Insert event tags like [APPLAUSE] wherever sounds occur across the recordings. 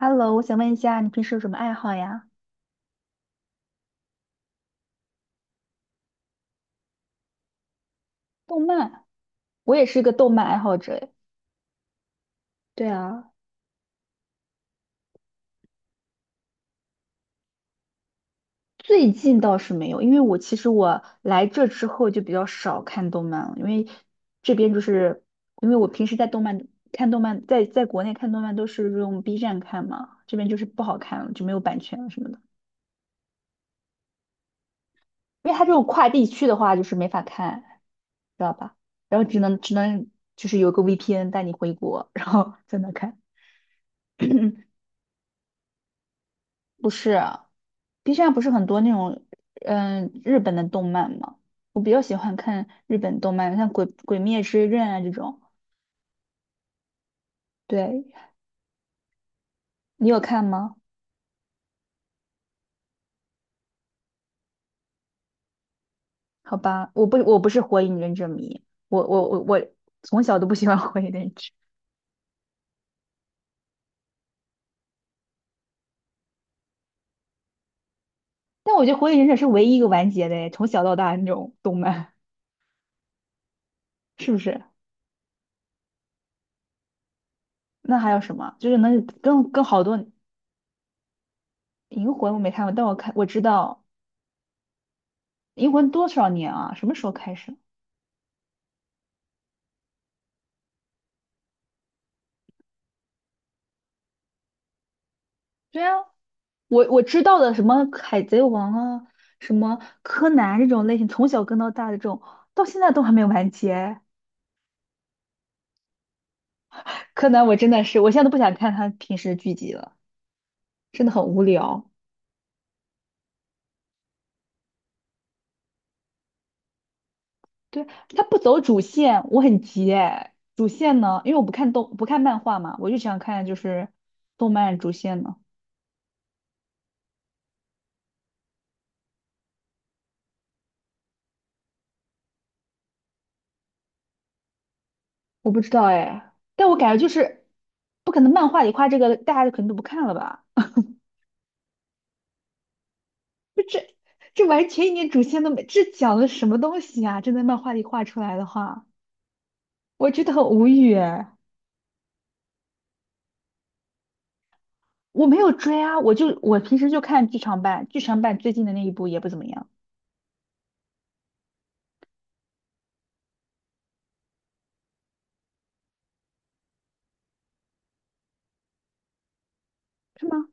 Hello，我想问一下，你平时有什么爱好呀？动漫，我也是一个动漫爱好者诶。对啊，最近倒是没有，因为我其实我来这之后就比较少看动漫了，因为这边就是因为我平时在动漫看动漫，在国内看动漫都是用 B 站看嘛，这边就是不好看了，就没有版权了什么的。因为它这种跨地区的话，就是没法看，知道吧？然后只能就是有个 VPN 带你回国，然后在那看。[COUGHS] [CLEARS THROAT] 不是，B 站不是很多那种日本的动漫吗？我比较喜欢看日本动漫，像《鬼灭之刃》啊这种。对，你有看吗？好吧，我不是火影忍者迷，我从小都不喜欢火影忍者，但我觉得火影忍者是唯一一个完结的诶，从小到大那种动漫，是不是？那还有什么？就是能跟好多银魂我没看过，但我看我知道银魂多少年啊？什么时候开始？对啊，我知道的什么海贼王啊，什么柯南这种类型，从小跟到大的这种，到现在都还没有完结。柯南我真的是，我现在都不想看他平时剧集了，真的很无聊。对，他不走主线，我很急哎。主线呢，因为我不看漫画嘛，我就想看就是动漫主线呢。我不知道哎，但我感觉就是不可能漫画里画这个，大家肯定都不看了吧？这完全一点主线都没，这讲的什么东西啊？真的漫画里画出来的话。我觉得很无语哎。我没有追啊，我平时就看剧场版，剧场版最近的那一部也不怎么样，是吗？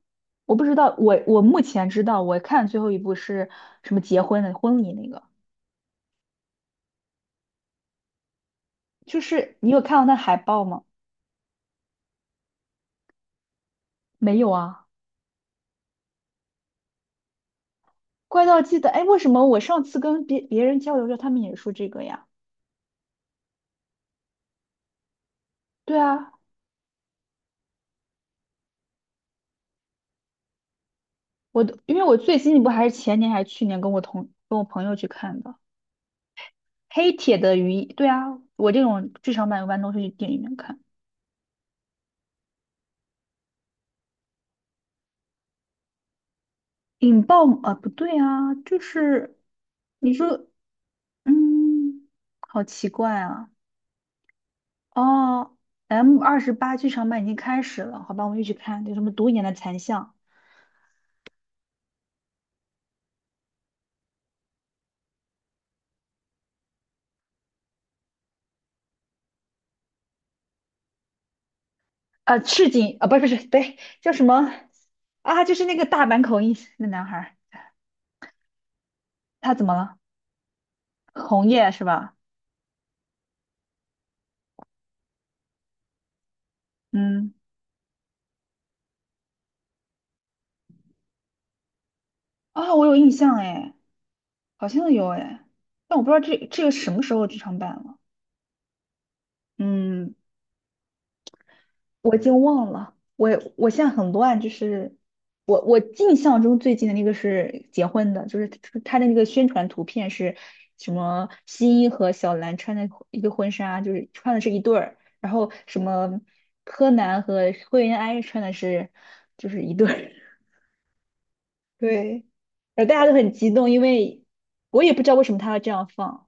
我不知道，我目前知道，我看最后一部是什么结婚的婚礼那个，就是你有看到那海报吗？没有啊，怪盗基德，哎，为什么我上次跟别人交流着，他们也说这个呀？对啊，我都因为我最新一部还是前年还是去年跟跟我朋友去看的《黑铁的鱼，对啊，我这种剧场版一般都是去电影院看。引爆啊，不对啊，就是你说，嗯，好奇怪啊。哦，M28剧场版已经开始了，好吧，我们一起看，有什么独眼的残像，啊，赤井啊，不是不是，对，叫什么啊？就是那个大阪口音那男孩儿他怎么了？红叶是吧？嗯，啊，我有印象哎，好像有哎，但我不知道这个什么时候剧场版了。嗯。我已经忘了，我现在很乱，就是我印象中最近的那个是结婚的，就是他的那个宣传图片是什么新一和小兰穿的一个婚纱，就是穿的是一对儿，然后什么柯南和灰原哀穿的是就是一对儿，[LAUGHS] 对，然后大家都很激动，因为我也不知道为什么他要这样放。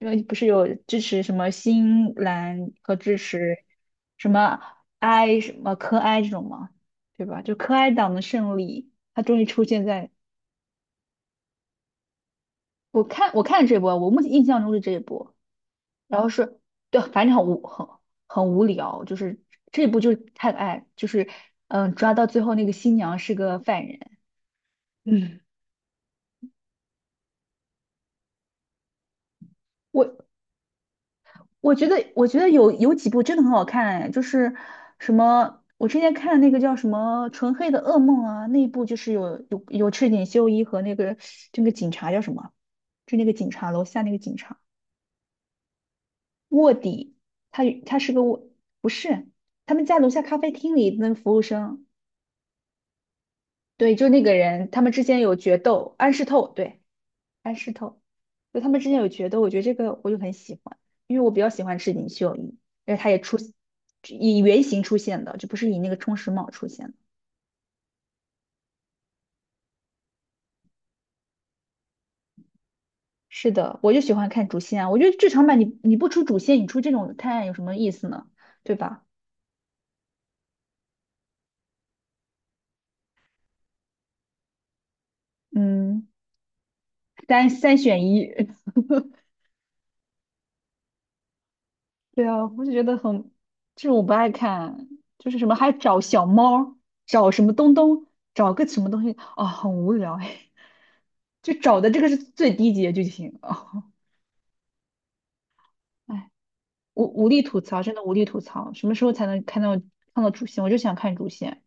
因为不是有支持什么新兰和支持什么哀什么科哀这种吗？对吧？就科哀党的胜利，他终于出现在我看这波，我目前印象中是这一波。然后对，反正很无聊，就是这一部就是太爱，就是抓到最后那个新娘是个犯人。嗯，我我觉得有有几部真的很好看，哎，就是什么，我之前看的那个叫什么《纯黑的噩梦》啊，那一部就是有赤井秀一和那个这个警察叫什么，就那个警察楼下那个警察卧底，他他是个卧，不是，他们在楼下咖啡厅里那个服务生，对，就那个人，他们之间有决斗，安室透，对。安石头，就他们之间有觉得，我觉得这个我就很喜欢，因为我比较喜欢赤井秀一，而且他也出以原型出现的，就不是以那个冲绳茂出现的。是的，我就喜欢看主线啊我觉得剧场版你不出主线，你出这种探案有什么意思呢？对吧？嗯，三选一。[LAUGHS] 对啊，我就觉得很，这种我不爱看，就是什么还找小猫儿找什么东东，找个什么东西，啊、很无聊哎，[LAUGHS] 就找的这个是最低级的剧情啊。哎无力吐槽，真的无力吐槽。什么时候才能看到主线？我就想看主线。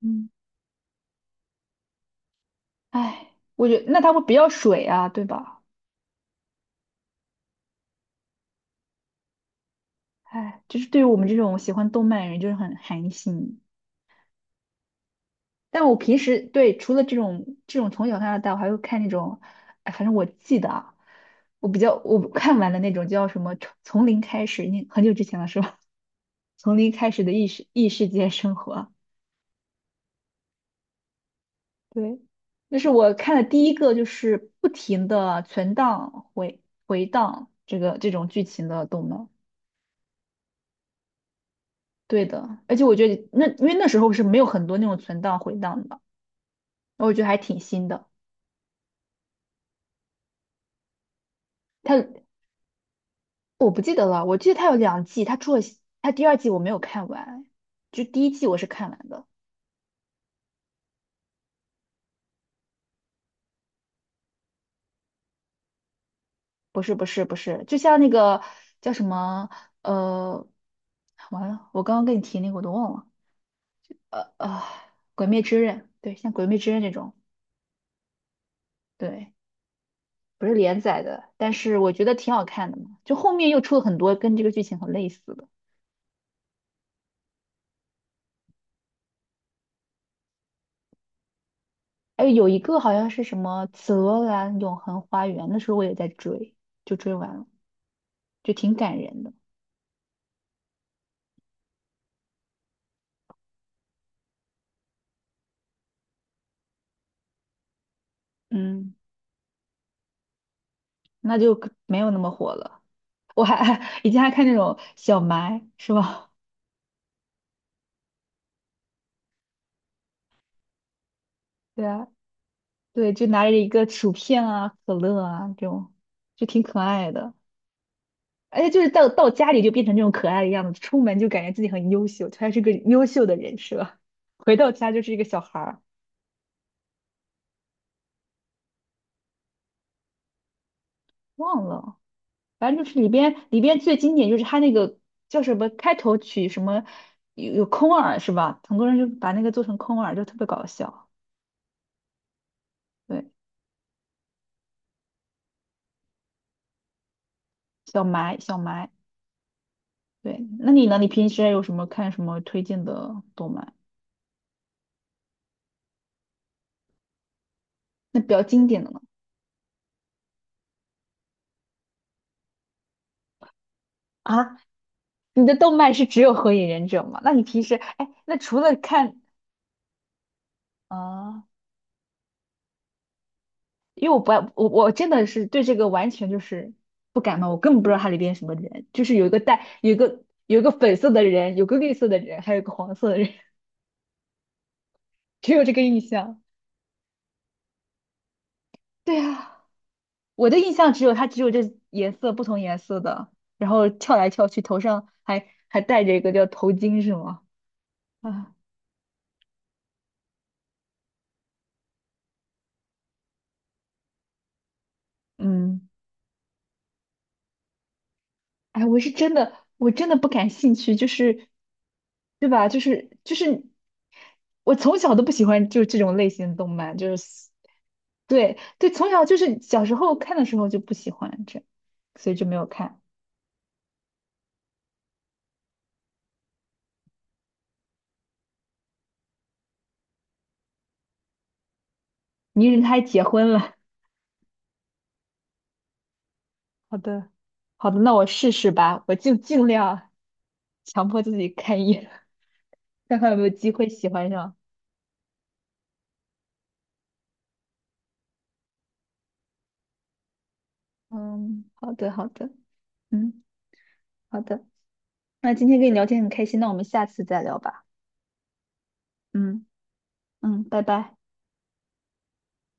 嗯，唉，我觉得那他会比较水啊，对吧？唉，就是对于我们这种喜欢动漫的人，就是很寒心。但我平时对除了这种从小看到大，我还会看那种，哎，反正我记得啊，我比较我看完的那种叫什么《从零开始》，那很久之前了是吧？[LAUGHS] 从零开始的异世界生活，对，那是我看的第一个，就是不停的存档回档这种剧情的动漫。对的，而且我觉得那因为那时候是没有很多那种存档回档的，我觉得还挺新的。它我不记得了，我记得它有两季，它出了它第二季我没有看完，就第一季我是看完的。不是不是不是，就像那个叫什么呃，完了，我刚刚跟你提那个我都忘了，呃呃，《鬼灭之刃》对，像《鬼灭之刃》这种。对，不是连载的，但是我觉得挺好看的嘛。就后面又出了很多跟这个剧情很类似的，哎，有一个好像是什么《紫罗兰永恒花园》，那时候我也在追，就追完了，就挺感人的。嗯，那就可没有那么火了。我还 [LAUGHS] 以前还看那种小埋，是吧？[LAUGHS] 对啊，对，就拿着一个薯片啊、可乐啊这种，就挺可爱的。而且就是到家里就变成这种可爱的样子，出门就感觉自己很优秀，他是个优秀的人设，回到家就是一个小孩儿，忘了，反正就是里边最经典就是他那个叫什么开头曲什么有空耳是吧？很多人就把那个做成空耳，就特别搞笑。对，小埋小埋，对，那你呢？你平时还有什么看什么推荐的动漫？那比较经典的呢？啊，你的动漫是只有《火影忍者》吗？那你平时哎，那除了看啊？因为我不爱我我真的是对这个完全就是不感冒，我根本不知道它里边什么人，就是有一个粉色的人，有个绿色的人，还有个黄色的人，[LAUGHS] 只有这个印象。对啊，我的印象只有它只有这颜色不同颜色的，然后跳来跳去，头上还戴着一个叫头巾是吗？啊，嗯。哎，我是真的，我真的不感兴趣，就是，对吧？就是，我从小都不喜欢就是这种类型的动漫，就是对对，从小就是小时候看的时候就不喜欢这样所以就没有看。泥人他还结婚了，[LAUGHS] 好的，好的，那我试试吧，我就尽量强迫自己看一眼，看看有没有机会喜欢上。嗯，好的，好的，嗯，好的，那今天跟你聊天很开心，那我们下次再聊吧。嗯。嗯，拜拜。